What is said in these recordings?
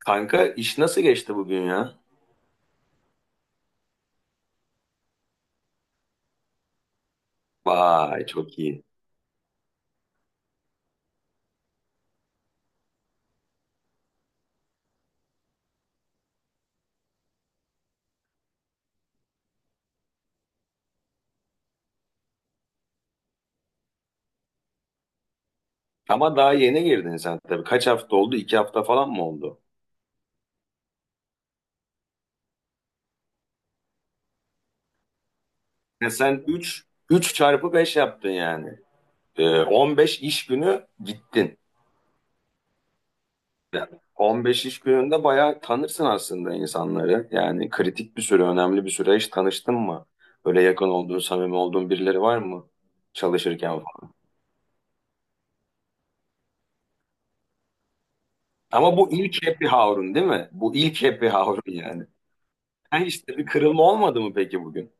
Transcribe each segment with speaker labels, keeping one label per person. Speaker 1: Kanka iş nasıl geçti bugün ya? Vay çok iyi. Ama daha yeni girdin sen tabii. Kaç hafta oldu? 2 hafta falan mı oldu? Ya sen üç çarpı 5 yaptın yani. 15 iş günü gittin. Yani 15 iş gününde bayağı tanırsın aslında insanları. Yani kritik bir süre, önemli bir süre hiç tanıştın mı? Böyle yakın olduğun, samimi olduğun birileri var mı? Çalışırken falan. Ama bu ilk happy hour'un değil mi? Bu ilk happy hour'un yani. Ha, işte bir kırılma olmadı mı peki bugün?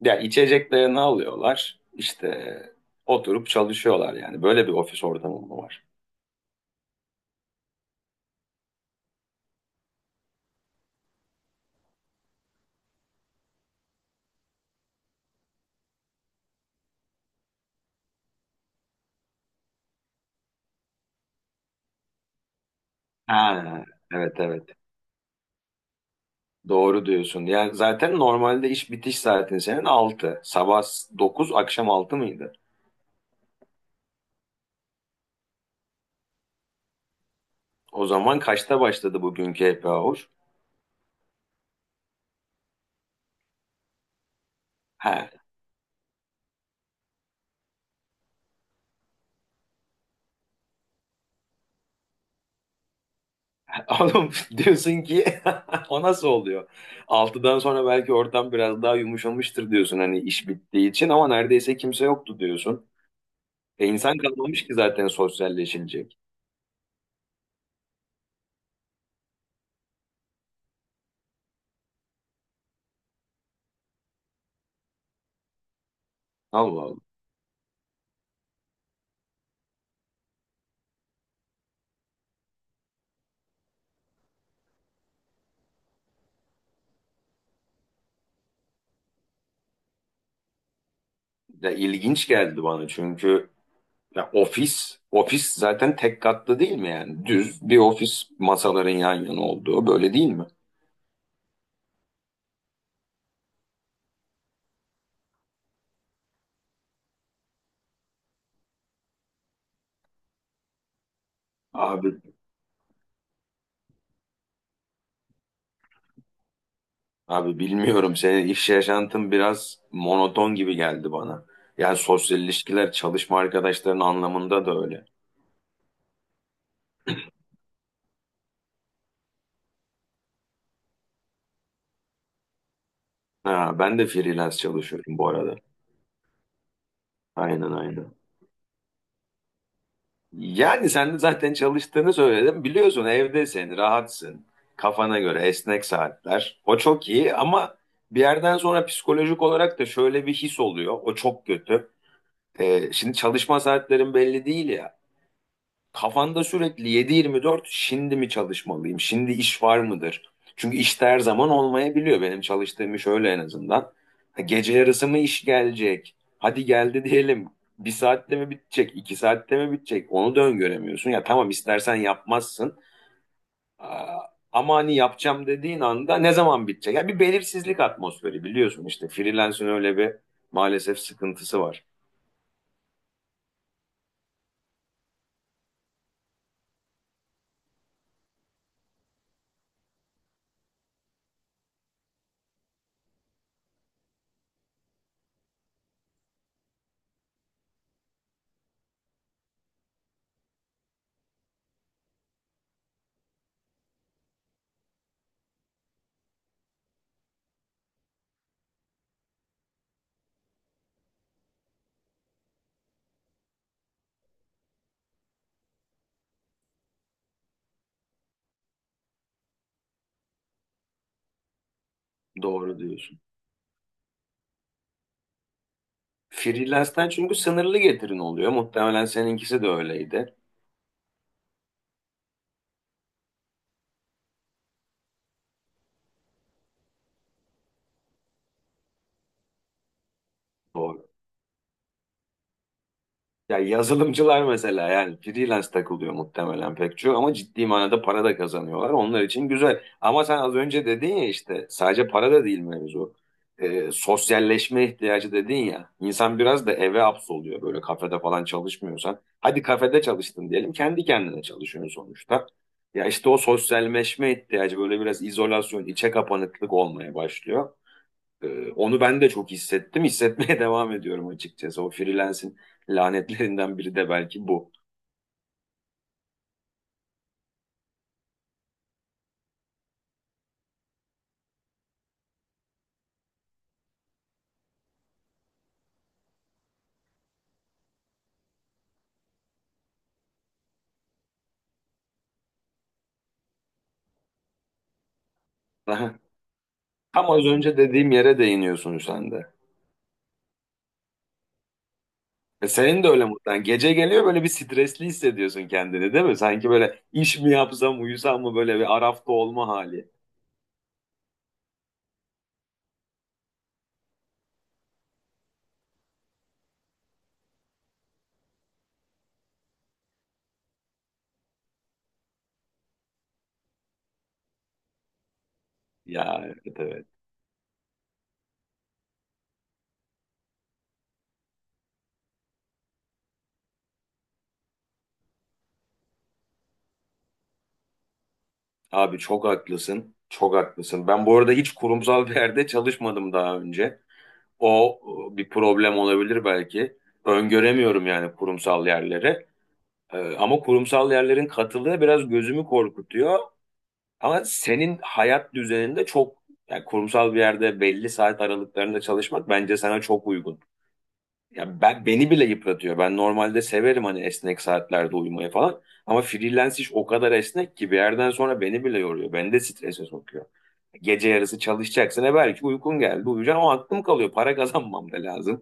Speaker 1: Ya içeceklerini alıyorlar. İşte oturup çalışıyorlar yani. Böyle bir ofis ortamı mı var? Ha, evet evet. Doğru diyorsun. Ya zaten normalde iş bitiş saatin senin altı, sabah 9 akşam 6 mıydı? O zaman kaçta başladı bugünkü happy hour? Ha, oğlum, diyorsun ki o nasıl oluyor? 6'dan sonra belki ortam biraz daha yumuşamıştır diyorsun hani iş bittiği için, ama neredeyse kimse yoktu diyorsun. E, insan kalmamış ki zaten sosyalleşilecek. Allah. Ya ilginç geldi bana, çünkü ya ofis zaten tek katlı değil mi yani? Düz bir ofis, masaların yan yana olduğu, böyle değil mi? Abi abi, bilmiyorum, senin iş yaşantın biraz monoton gibi geldi bana. Yani sosyal ilişkiler, çalışma arkadaşlarının anlamında da öyle. Ha, ben de freelance çalışıyorum bu arada. Aynen aynen. Yani sen de zaten çalıştığını söyledim. Biliyorsun, evdesin, rahatsın. Kafana göre esnek saatler. O çok iyi, ama bir yerden sonra psikolojik olarak da şöyle bir his oluyor. O çok kötü. Şimdi çalışma saatlerin belli değil ya. Kafanda sürekli 7/24, şimdi mi çalışmalıyım? Şimdi iş var mıdır? Çünkü işte her zaman olmayabiliyor. Benim çalıştığım iş öyle en azından. Ha, gece yarısı mı iş gelecek? Hadi geldi diyelim. Bir saatte mi bitecek? İki saatte mi bitecek? Onu da öngöremiyorsun. Ya tamam, istersen yapmazsın. Aa, ama hani yapacağım dediğin anda ne zaman bitecek? Ya, bir belirsizlik atmosferi, biliyorsun işte. Freelance'ın öyle bir maalesef sıkıntısı var. Doğru diyorsun. Freelance'den, çünkü sınırlı getirin oluyor. Muhtemelen seninkisi de öyleydi. Doğru. Ya yazılımcılar mesela yani freelance takılıyor muhtemelen pek çok, ama ciddi manada para da kazanıyorlar. Onlar için güzel. Ama sen az önce dedin ya, işte sadece para da değil mevzu. Sosyalleşme ihtiyacı dedin ya. İnsan biraz da eve hapsoluyor, böyle kafede falan çalışmıyorsan. Hadi kafede çalıştın diyelim, kendi kendine çalışıyorsun sonuçta. Ya işte o sosyalleşme ihtiyacı böyle biraz izolasyon, içe kapanıklık olmaya başlıyor. Onu ben de çok hissettim. Hissetmeye devam ediyorum açıkçası. O freelance'in lanetlerinden biri de belki bu. Daha- Tam az önce dediğim yere değiniyorsun sen de. E, senin de öyle mutlaka. Gece geliyor, böyle bir stresli hissediyorsun kendini değil mi? Sanki böyle iş mi yapsam, uyusam mı, böyle bir arafta olma hali. Ya evet evet. Abi çok haklısın. Çok haklısın. Ben bu arada hiç kurumsal bir yerde çalışmadım daha önce. O bir problem olabilir belki. Öngöremiyorum yani kurumsal yerleri. Ama kurumsal yerlerin katılığı biraz gözümü korkutuyor. Ama senin hayat düzeninde çok, yani kurumsal bir yerde belli saat aralıklarında çalışmak bence sana çok uygun. Ya ben, beni bile yıpratıyor. Ben normalde severim hani esnek saatlerde uyumayı falan. Ama freelance iş o kadar esnek ki bir yerden sonra beni bile yoruyor. Beni de strese sokuyor. Gece yarısı çalışacaksın. E, belki uykun geldi, uyuyacaksın. O aklım kalıyor. Para kazanmam da lazım.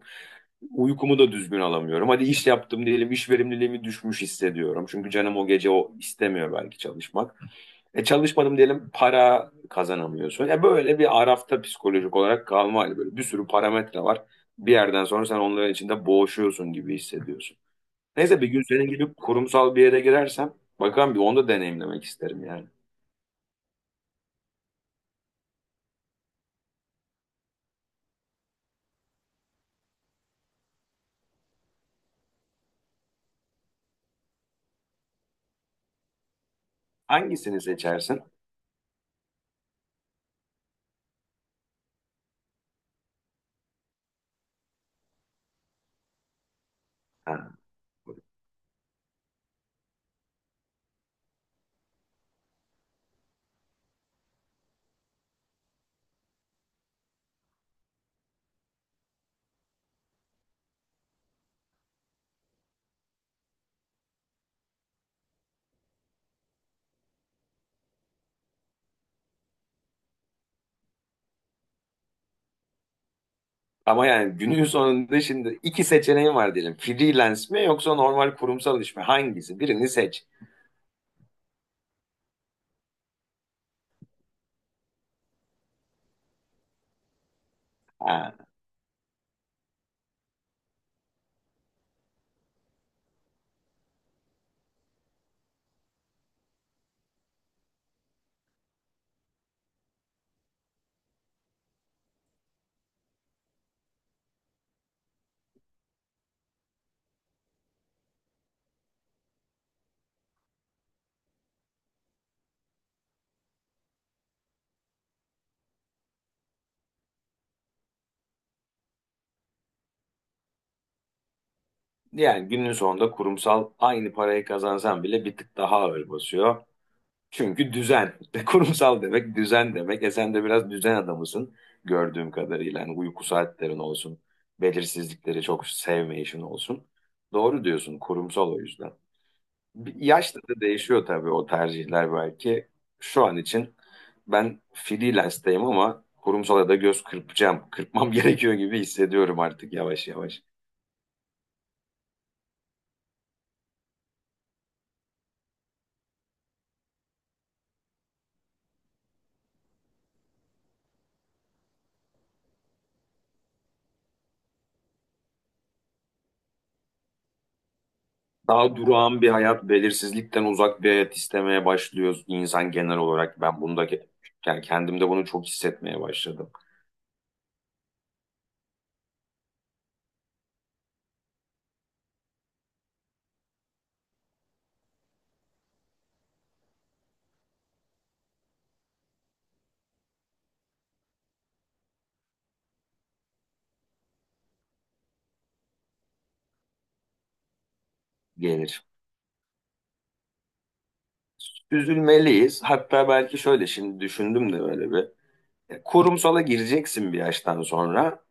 Speaker 1: Uykumu da düzgün alamıyorum. Hadi iş yaptım diyelim, iş verimliliğimi düşmüş hissediyorum. Çünkü canım o gece o istemiyor belki çalışmak. E, çalışmadım diyelim, para kazanamıyorsun. Ya böyle bir arafta psikolojik olarak kalma hali, böyle bir sürü parametre var. Bir yerden sonra sen onların içinde boğuşuyorsun gibi hissediyorsun. Neyse, bir gün senin gibi kurumsal bir yere girersem bakalım, bir onu da deneyimlemek isterim yani. Hangisini seçersin? Ha. Ama yani günün sonunda şimdi iki seçeneğin var diyelim. Freelance mi yoksa normal kurumsal iş mi? Hangisi? Birini seç. Ha, yani günün sonunda kurumsal, aynı parayı kazansan bile bir tık daha ağır basıyor. Çünkü düzen. Kurumsal demek düzen demek. E, sen de biraz düzen adamısın gördüğüm kadarıyla. Yani uyku saatlerin olsun. Belirsizlikleri çok sevmeyişin olsun. Doğru diyorsun, kurumsal o yüzden. Yaşla da değişiyor tabii o tercihler belki. Şu an için ben freelance'deyim, ama kurumsala da göz kırpacağım. Kırpmam gerekiyor gibi hissediyorum artık yavaş yavaş. Daha durağan bir hayat, belirsizlikten uzak bir hayat istemeye başlıyoruz, insan genel olarak. Ben bunda, yani kendimde bunu çok hissetmeye başladım. Gelir. Üzülmeliyiz. Hatta belki şöyle, şimdi düşündüm de böyle bir. Kurumsala gireceksin bir yaştan sonra.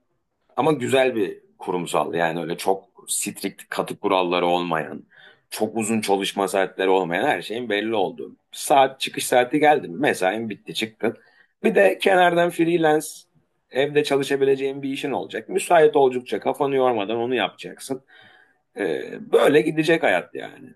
Speaker 1: Ama güzel bir kurumsal, yani öyle çok strict katı kuralları olmayan, çok uzun çalışma saatleri olmayan, her şeyin belli olduğu. Saat çıkış saati geldi mi, mesain bitti, çıktın. Bir de kenardan freelance, evde çalışabileceğin bir işin olacak. Müsait oldukça, kafanı yormadan onu yapacaksın. Böyle gidecek hayat yani.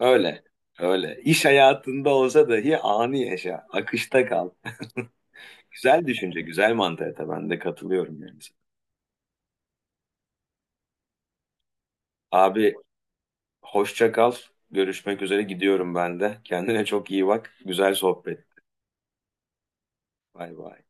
Speaker 1: Öyle. Öyle. İş hayatında olsa dahi anı yaşa. Akışta kal. Güzel düşünce, güzel mantığa ben de katılıyorum yani. Abi hoşça kal. Görüşmek üzere, gidiyorum ben de. Kendine çok iyi bak. Güzel sohbet. Bay bay.